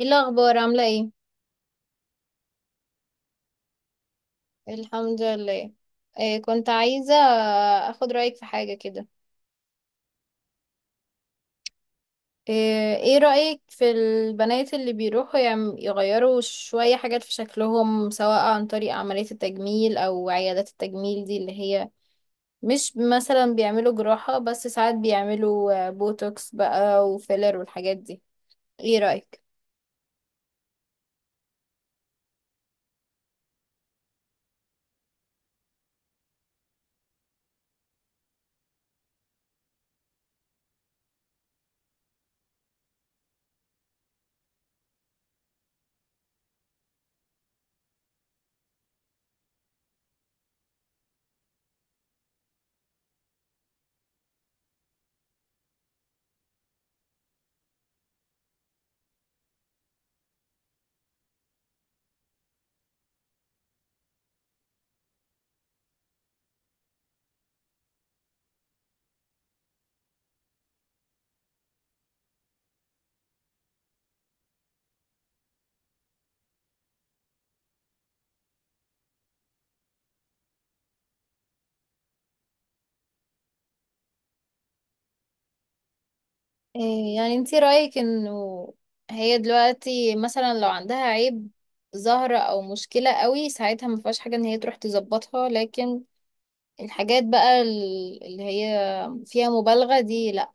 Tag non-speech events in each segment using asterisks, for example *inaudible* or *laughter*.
ايه الاخبار؟ عامله ايه؟ الحمد لله. إيه كنت عايزه اخد رايك في حاجه كده. ايه رايك في البنات اللي بيروحوا يغيروا شويه حاجات في شكلهم، سواء عن طريق عمليه التجميل او عيادات التجميل دي، اللي هي مش مثلا بيعملوا جراحه، بس ساعات بيعملوا بوتوكس بقى وفيلر والحاجات دي. ايه رايك؟ إيه يعني انتي رأيك انه هي دلوقتي مثلا لو عندها عيب ظاهرة او مشكلة قوي، ساعتها ما فيهاش حاجة ان هي تروح تظبطها، لكن الحاجات بقى اللي هي فيها مبالغة دي لا.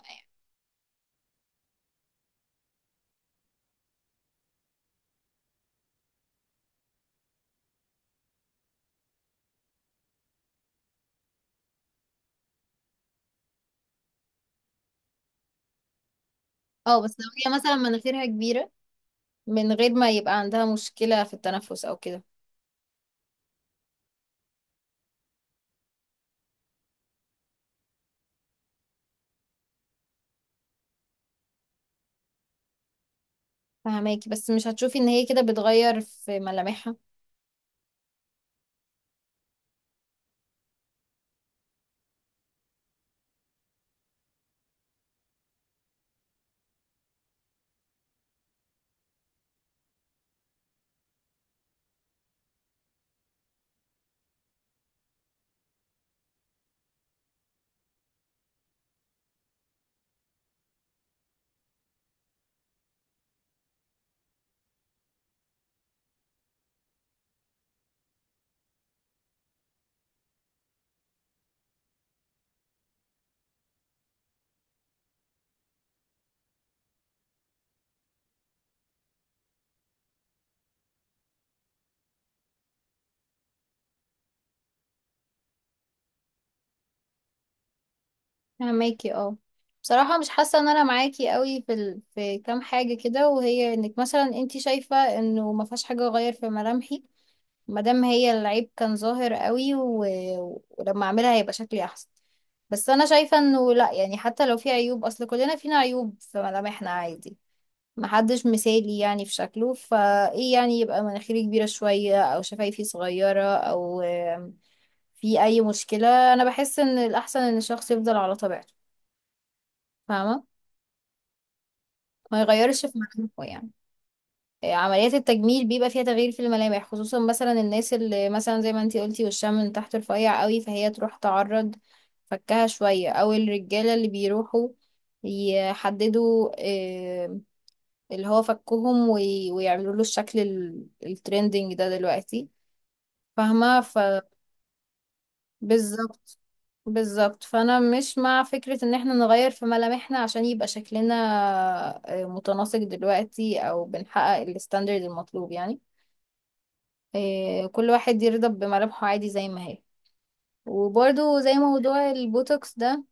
اه، بس لو هي مثلا مناخيرها كبيرة من غير ما يبقى عندها مشكلة في التنفس او كده؟ فهماكي، بس مش هتشوفي ان هي كده بتغير في ملامحها؟ فهماكي. اه، بصراحة مش حاسة ان انا معاكي قوي في ال... في كام حاجة كده، وهي انك مثلا انتي شايفة انه ما فيهاش حاجة اغير في ملامحي مادام هي العيب كان ظاهر قوي، و... ولما اعملها هيبقى شكلي احسن. بس انا شايفة انه لا، يعني حتى لو في عيوب، اصل كلنا فينا عيوب في ملامحنا عادي، محدش مثالي يعني في شكله. فايه يعني يبقى مناخيري كبيرة شوية او شفايفي صغيرة او في اي مشكلة؟ انا بحس ان الاحسن ان الشخص يفضل على طبيعته، فاهمة؟ ما يغيرش في ملامحه يعني. عمليات التجميل بيبقى فيها تغيير في الملامح، خصوصا مثلا الناس اللي مثلا زي ما انتي قلتي وشها من تحت رفيع قوي، فهي تروح تعرض فكها شوية، او الرجالة اللي بيروحوا يحددوا آه، اللي هو فكهم ويعملوا له الشكل الترندنج ده دلوقتي، فاهمة؟ ف بالظبط. بالظبط، فانا مش مع فكرة ان احنا نغير في ملامحنا عشان يبقى شكلنا متناسق دلوقتي او بنحقق الستاندرد المطلوب يعني. كل واحد يرضى بملامحه عادي زي ما هي. وبرضو زي موضوع البوتوكس ده،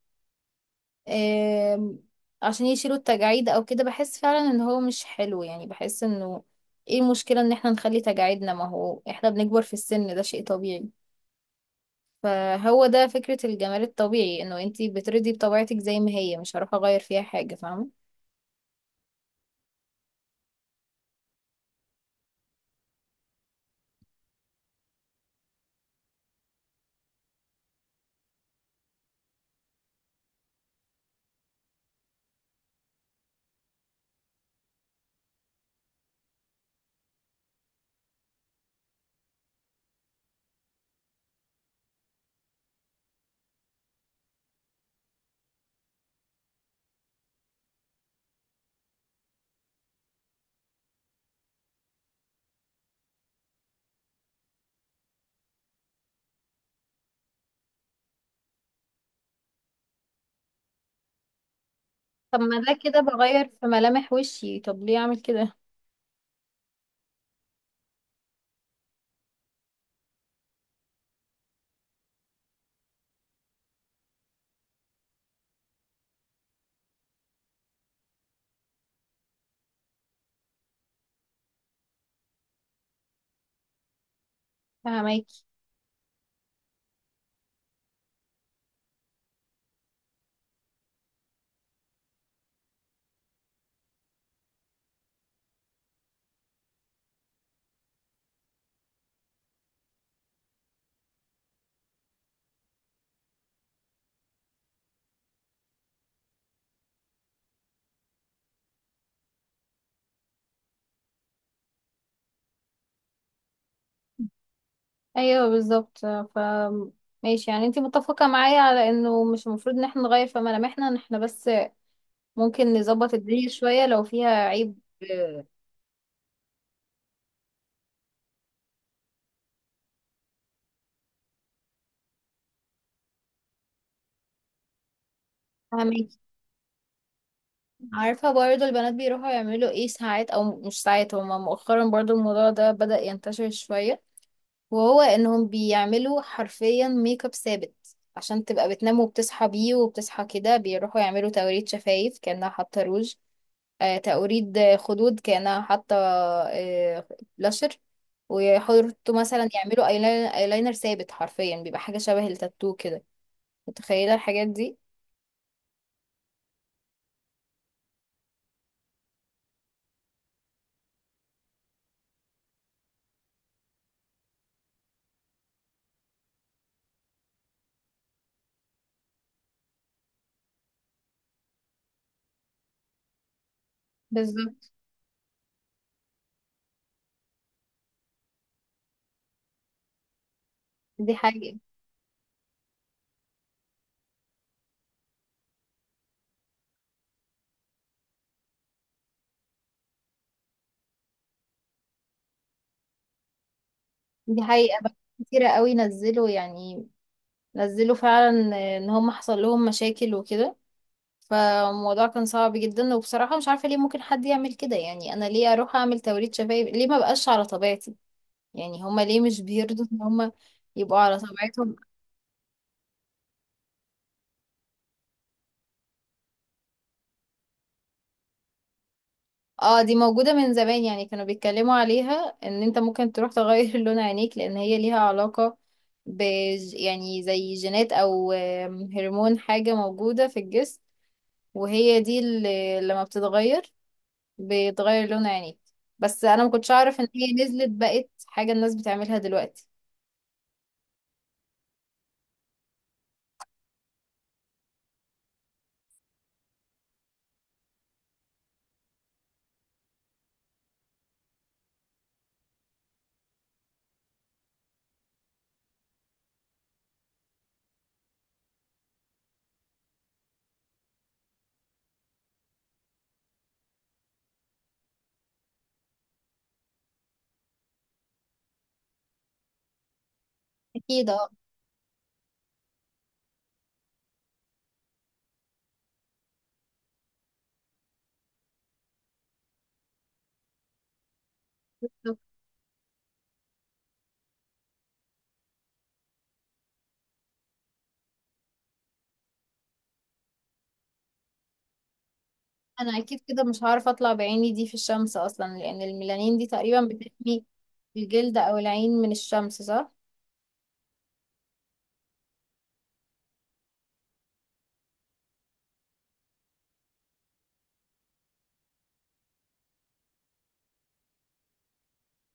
آم، عشان يشيلوا التجاعيد او كده، بحس فعلا ان هو مش حلو يعني. بحس انه ايه المشكلة ان احنا نخلي تجاعيدنا؟ ما هو احنا بنكبر في السن، ده شيء طبيعي. فهو ده فكرة الجمال الطبيعي، انه انتي بترضي بطبيعتك زي ما هي، مش هروح اغير فيها حاجة، فاهمة؟ طب ما ده كده بغير في ملامح وشي، طب ليه اعمل كده؟ فهماكي. ايوه بالظبط. ف ماشي، يعني انتي متفقة معايا على انه مش المفروض ان احنا نغير في ملامحنا، ان احنا بس ممكن نظبط الدنيا شوية لو فيها عيب. آه، فهماكي. عارفة برضه البنات بيروحوا يعملوا ايه ساعات، او مش ساعات، هما مؤخرا برضه الموضوع ده بدأ ينتشر شوية، وهو انهم بيعملوا حرفيا ميك اب ثابت عشان تبقى بتنام وبتصحى بيه، وبتصحى كده. بيروحوا يعملوا توريد شفايف كأنها حاطة روج. آه، توريد خدود كأنها حاطة آه بلاشر. ويحطوا مثلا، يعملوا ايلاينر ثابت، حرفيا بيبقى حاجة شبه التاتو كده. متخيلة الحاجات دي؟ بالظبط. دي حقيقة. دي حقيقة بقى. كتيرة قوي نزلوا يعني، نزلوا فعلا ان هم حصل لهم مشاكل وكده. فالموضوع كان صعب جدا، وبصراحة مش عارفة ليه ممكن حد يعمل كده يعني. أنا ليه أروح أعمل توريد شفايف؟ ليه ما بقاش على طبيعتي؟ يعني هما ليه مش بيرضوا إن هما يبقوا على طبيعتهم؟ اه، دي موجودة من زمان، يعني كانوا بيتكلموا عليها، إن أنت ممكن تروح تغير *laughs* لون عينيك، لأن هي ليها علاقة ب يعني زي جينات أو هرمون، حاجة موجودة في الجسم، وهي دي اللي لما بتتغير بتغير لون عينيك. بس أنا ما كنتش أعرف إن هي نزلت بقت حاجة الناس بتعملها دلوقتي. اكيد اه. انا اكيد كده مش هعرف اطلع بعيني دي في الشمس اصلا، لان الميلانين دي تقريبا بتحمي الجلد او العين من الشمس، صح؟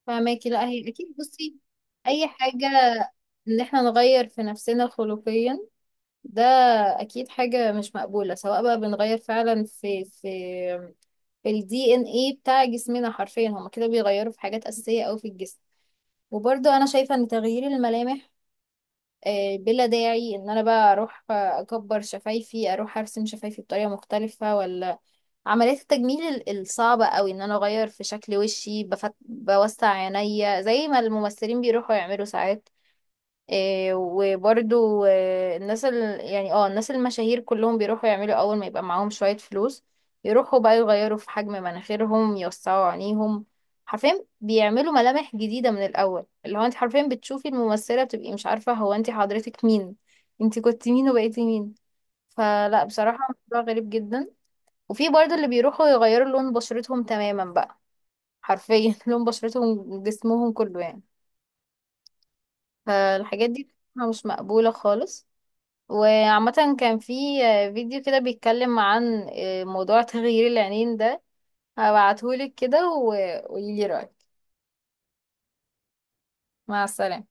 فماكي. لا هي اكيد، بصي، اي حاجة ان احنا نغير في نفسنا خلقيا ده اكيد حاجة مش مقبولة، سواء بقى بنغير فعلا في في الدي ان ايه بتاع جسمنا، حرفيا هما كده بيغيروا في حاجات اساسية او في الجسم. وبرضه انا شايفة ان تغيير الملامح بلا داعي، ان انا بقى اروح اكبر شفايفي، اروح ارسم شفايفي بطريقه مختلفه، ولا عمليات التجميل الصعبه قوي ان انا اغير في شكل وشي بفت... بوسع عينيا زي ما الممثلين بيروحوا يعملوا ساعات. إيه وبرضو إيه الناس ال... يعني اه، الناس المشاهير كلهم بيروحوا يعملوا اول ما يبقى معاهم شوية فلوس، يروحوا بقى يغيروا في حجم مناخيرهم، يوسعوا عينيهم، حرفيا بيعملوا ملامح جديدة من الأول، اللي هو انت حرفيا بتشوفي الممثلة بتبقي مش عارفة هو انت حضرتك مين، انت كنت مين وبقيتي مين. فلا، بصراحة الموضوع غريب جدا. وفي برضو اللي بيروحوا يغيروا لون بشرتهم تماما بقى، حرفيا *laughs* لون بشرتهم، جسمهم كله يعني. فالحاجات دي بصراحة مش مقبولة خالص. وعامة كان في فيديو كده بيتكلم عن موضوع تغيير العينين ده، هبعتهولك كده وقوليلي رأيك. مع السلامة.